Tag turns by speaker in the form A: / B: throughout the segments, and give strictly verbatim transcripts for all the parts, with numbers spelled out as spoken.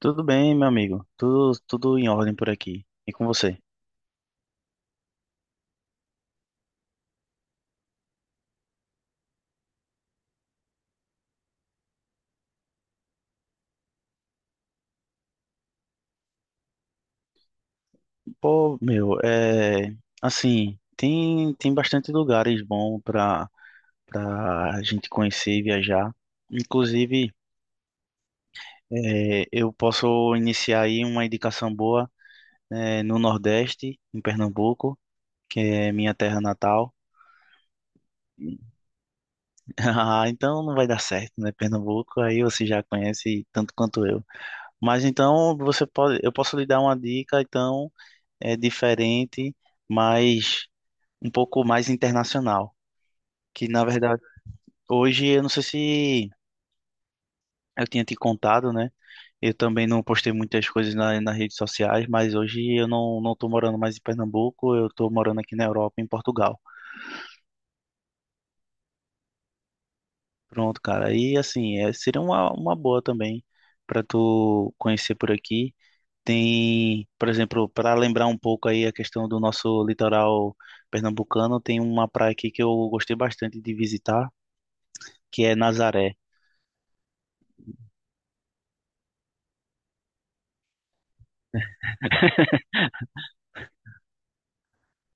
A: Tudo bem, meu amigo. Tudo, tudo em ordem por aqui. E com você? Pô, meu, é assim, tem tem bastante lugares bons para para a gente conhecer e viajar. Inclusive, é, eu posso iniciar aí uma indicação boa, né, no Nordeste, em Pernambuco, que é minha terra natal. Ah, então não vai dar certo, né? Pernambuco, aí você já conhece tanto quanto eu. Mas então você pode, eu posso lhe dar uma dica, então é diferente, mas um pouco mais internacional. Que na verdade, hoje eu não sei se eu tinha te contado, né? Eu também não postei muitas coisas na, nas redes sociais, mas hoje eu não, não tô morando mais em Pernambuco, eu tô morando aqui na Europa, em Portugal. Pronto, cara. E assim, é, seria uma, uma boa também para tu conhecer por aqui. Tem, por exemplo, para lembrar um pouco aí a questão do nosso litoral pernambucano, tem uma praia aqui que eu gostei bastante de visitar que é Nazaré.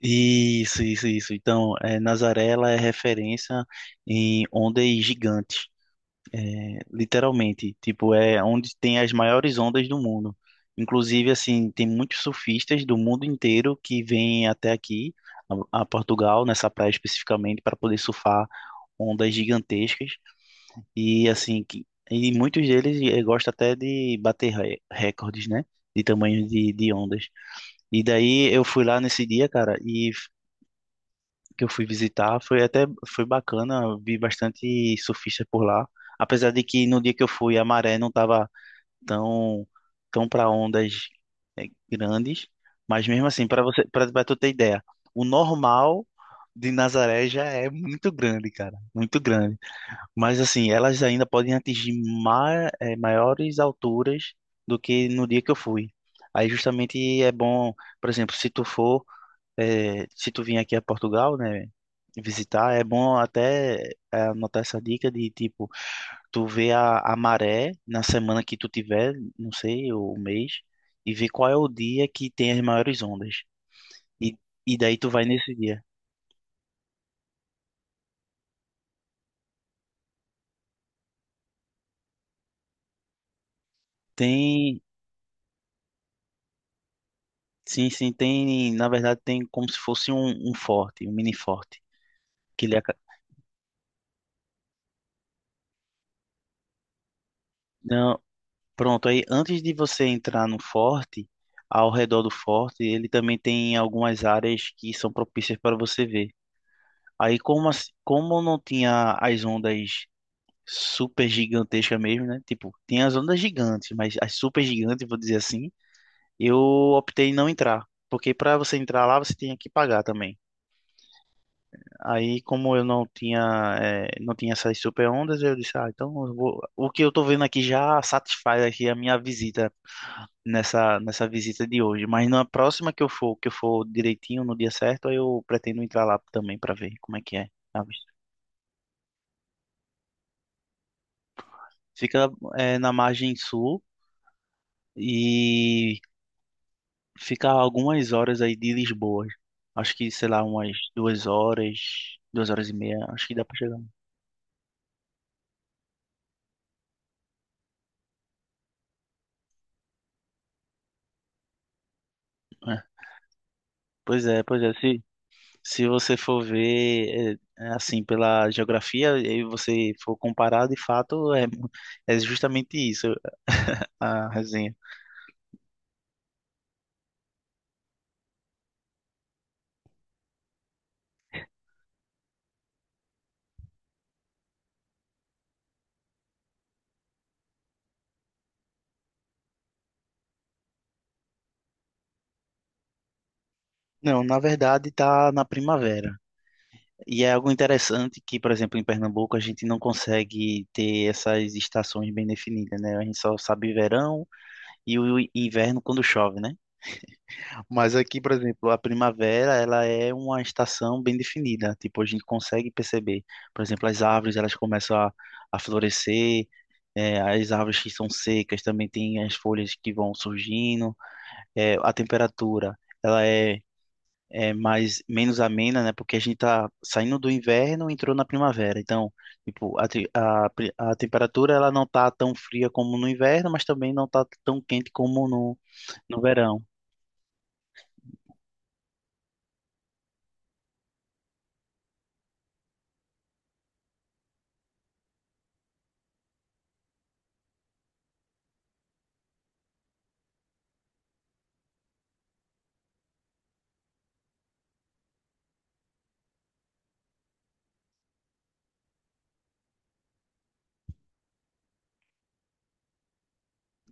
A: Isso, isso, isso. Então, é, Nazaré ela é referência em ondas gigantes, é, literalmente. Tipo, é onde tem as maiores ondas do mundo. Inclusive, assim, tem muitos surfistas do mundo inteiro que vêm até aqui, a, a Portugal, nessa praia especificamente, para poder surfar ondas gigantescas. E, assim, que, e muitos deles eh, gostam até de bater re- recordes, né? De tamanho de, de ondas. E daí eu fui lá nesse dia, cara, e que eu fui visitar. Foi até foi bacana, vi bastante surfista por lá. Apesar de que no dia que eu fui a maré não estava tão tão para ondas eh, grandes, mas mesmo assim, para você para tu ter ideia, o normal de Nazaré já é muito grande, cara, muito grande. Mas assim, elas ainda podem atingir ma eh, maiores alturas do que no dia que eu fui. Aí justamente é bom, por exemplo, se tu for, eh, se tu vir aqui a Portugal, né? Visitar, é bom até é, anotar essa dica de tipo, tu vê a, a maré na semana que tu tiver, não sei, o mês, e ver qual é o dia que tem as maiores ondas. E, e daí tu vai nesse dia. Tem, sim, sim, tem, na verdade tem como se fosse um, um forte, um mini forte, que ele aca- não, pronto, aí antes de você entrar no forte, ao redor do forte, ele também tem algumas áreas que são propícias para você ver. Aí como assim- como não tinha as ondas super gigantescas mesmo, né? Tipo, tinha as ondas gigantes, mas as super gigantes, vou dizer assim, eu optei em não entrar, porque para você entrar lá você tinha que pagar também. Aí como eu não tinha eh, não tinha essas super ondas, eu disse, ah, então eu vou- o que eu tô vendo aqui já satisfaz aqui a minha visita nessa nessa visita de hoje, mas na próxima que eu for, que eu for direitinho no dia certo, aí eu pretendo entrar lá também para ver como é que é. Fica é, na margem sul e fica a algumas horas aí de Lisboa. Acho que, sei lá, umas duas horas, duas horas e meia, acho que dá pra chegar. É. Pois é, pois é. Se, se você for ver, é, é assim, pela geografia e você for comparar, de fato, é, é justamente isso a resenha. Não, na verdade tá na primavera. E é algo interessante que, por exemplo, em Pernambuco a gente não consegue ter essas estações bem definidas, né? A gente só sabe verão e o inverno quando chove, né? Mas aqui, por exemplo, a primavera, ela é uma estação bem definida. Tipo, a gente consegue perceber, por exemplo, as árvores, elas começam a, a florescer, é, as árvores que são secas também têm as folhas que vão surgindo, é, a temperatura, ela é é mais menos amena, né? Porque a gente tá saindo do inverno, e entrou na primavera. Então, tipo, a, te- a, pri- a temperatura ela não tá tão fria como no inverno, mas também não tá tão quente como no, no verão.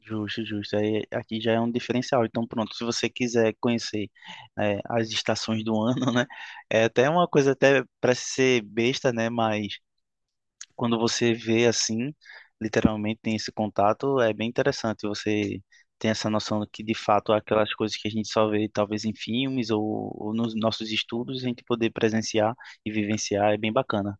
A: Justo, justo. Aí, aqui já é um diferencial. Então, pronto, se você quiser conhecer é, as estações do ano, né? É até uma coisa até parece ser besta, né? Mas quando você vê assim, literalmente tem esse contato, é bem interessante. Você tem essa noção de que, de fato, é aquelas coisas que a gente só vê talvez em filmes ou, ou nos nossos estudos, a gente poder presenciar e vivenciar é bem bacana.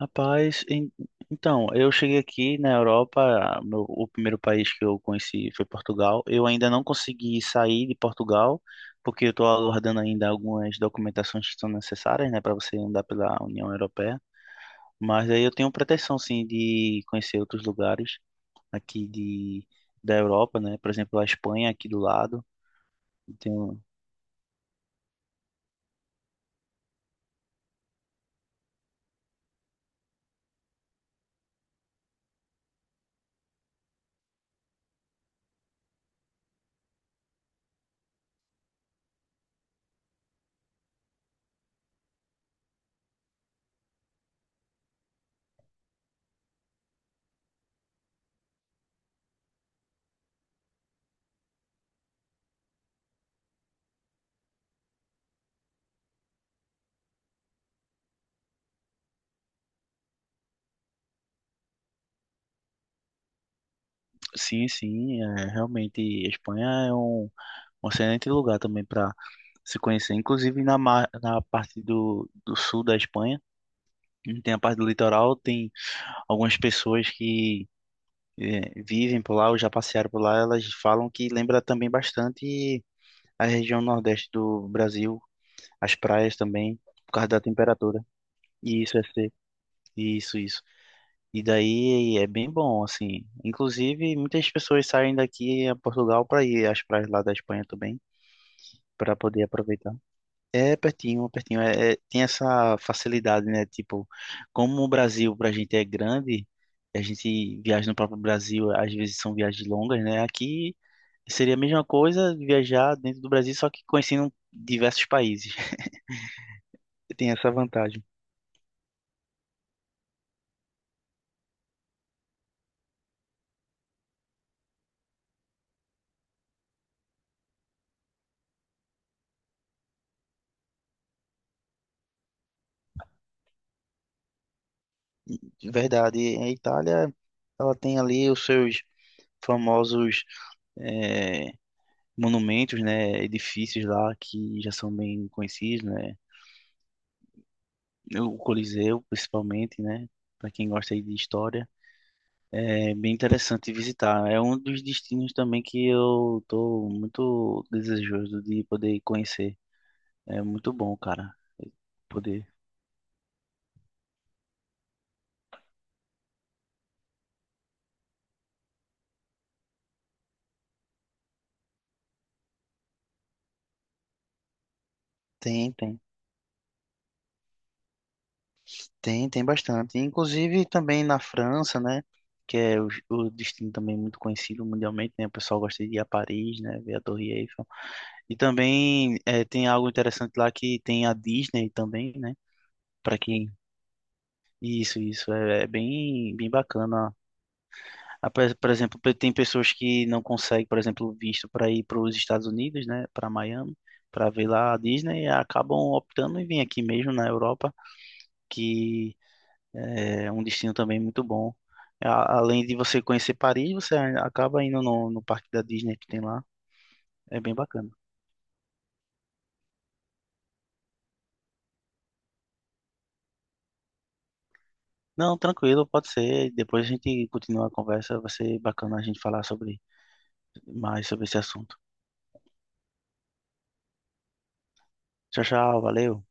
A: Rapaz, en- então, eu cheguei aqui na Europa, meu- o primeiro país que eu conheci foi Portugal. Eu ainda não consegui sair de Portugal, porque eu estou aguardando ainda algumas documentações que são necessárias, né, para você andar pela União Europeia. Mas aí eu tenho pretensão, sim, de conhecer outros lugares aqui de, da Europa, né? Por exemplo, a Espanha aqui do lado. Então, sim, sim, é, realmente a Espanha é um, um excelente lugar também para se conhecer. Inclusive na, mar- na parte do, do sul da Espanha, tem a parte do litoral, tem algumas pessoas que é, vivem por lá ou já passearam por lá, elas falam que lembra também bastante a região nordeste do Brasil, as praias também, por causa da temperatura. Isso, é ser- isso, isso. E daí é bem bom, assim. Inclusive, muitas pessoas saem daqui a Portugal para ir às praias lá da Espanha também, para poder aproveitar. É pertinho, pertinho. É, é- tem essa facilidade, né? Tipo, como o Brasil pra gente é grande, a gente viaja no próprio Brasil, às vezes são viagens longas, né? Aqui seria a mesma coisa viajar dentro do Brasil, só que conhecendo diversos países. Tem essa vantagem. De verdade. A Itália, ela tem ali os seus famosos é, monumentos, né, edifícios lá que já são bem conhecidos, né, o Coliseu principalmente, né, para quem gosta aí de história, é bem interessante visitar. É um dos destinos também que eu tô muito desejoso de poder conhecer. É muito bom, cara, poder. Tem, tem, tem, tem bastante. Inclusive também na França, né? Que é o, o destino também muito conhecido mundialmente, né? O pessoal gosta de ir a Paris, né? Ver a Torre Eiffel. E também é, tem algo interessante lá que tem a Disney também, né? Para quem. Isso, isso. É, é bem, bem bacana. Ah, Por por exemplo, pe- tem pessoas que não conseguem, por exemplo, visto para ir para os Estados Unidos, né? Para Miami, para ver lá a Disney, e acabam optando em vir aqui mesmo na Europa, que eh, é um destino também muito bom. A- Além de você conhecer Paris, você a- acaba indo no, no parque da Disney que tem lá. É bem bacana. Não, tranquilo, pode ser. Depois a gente continua a conversa. Vai ser bacana a gente falar sobre mais sobre esse assunto. Tchau, tchau, valeu.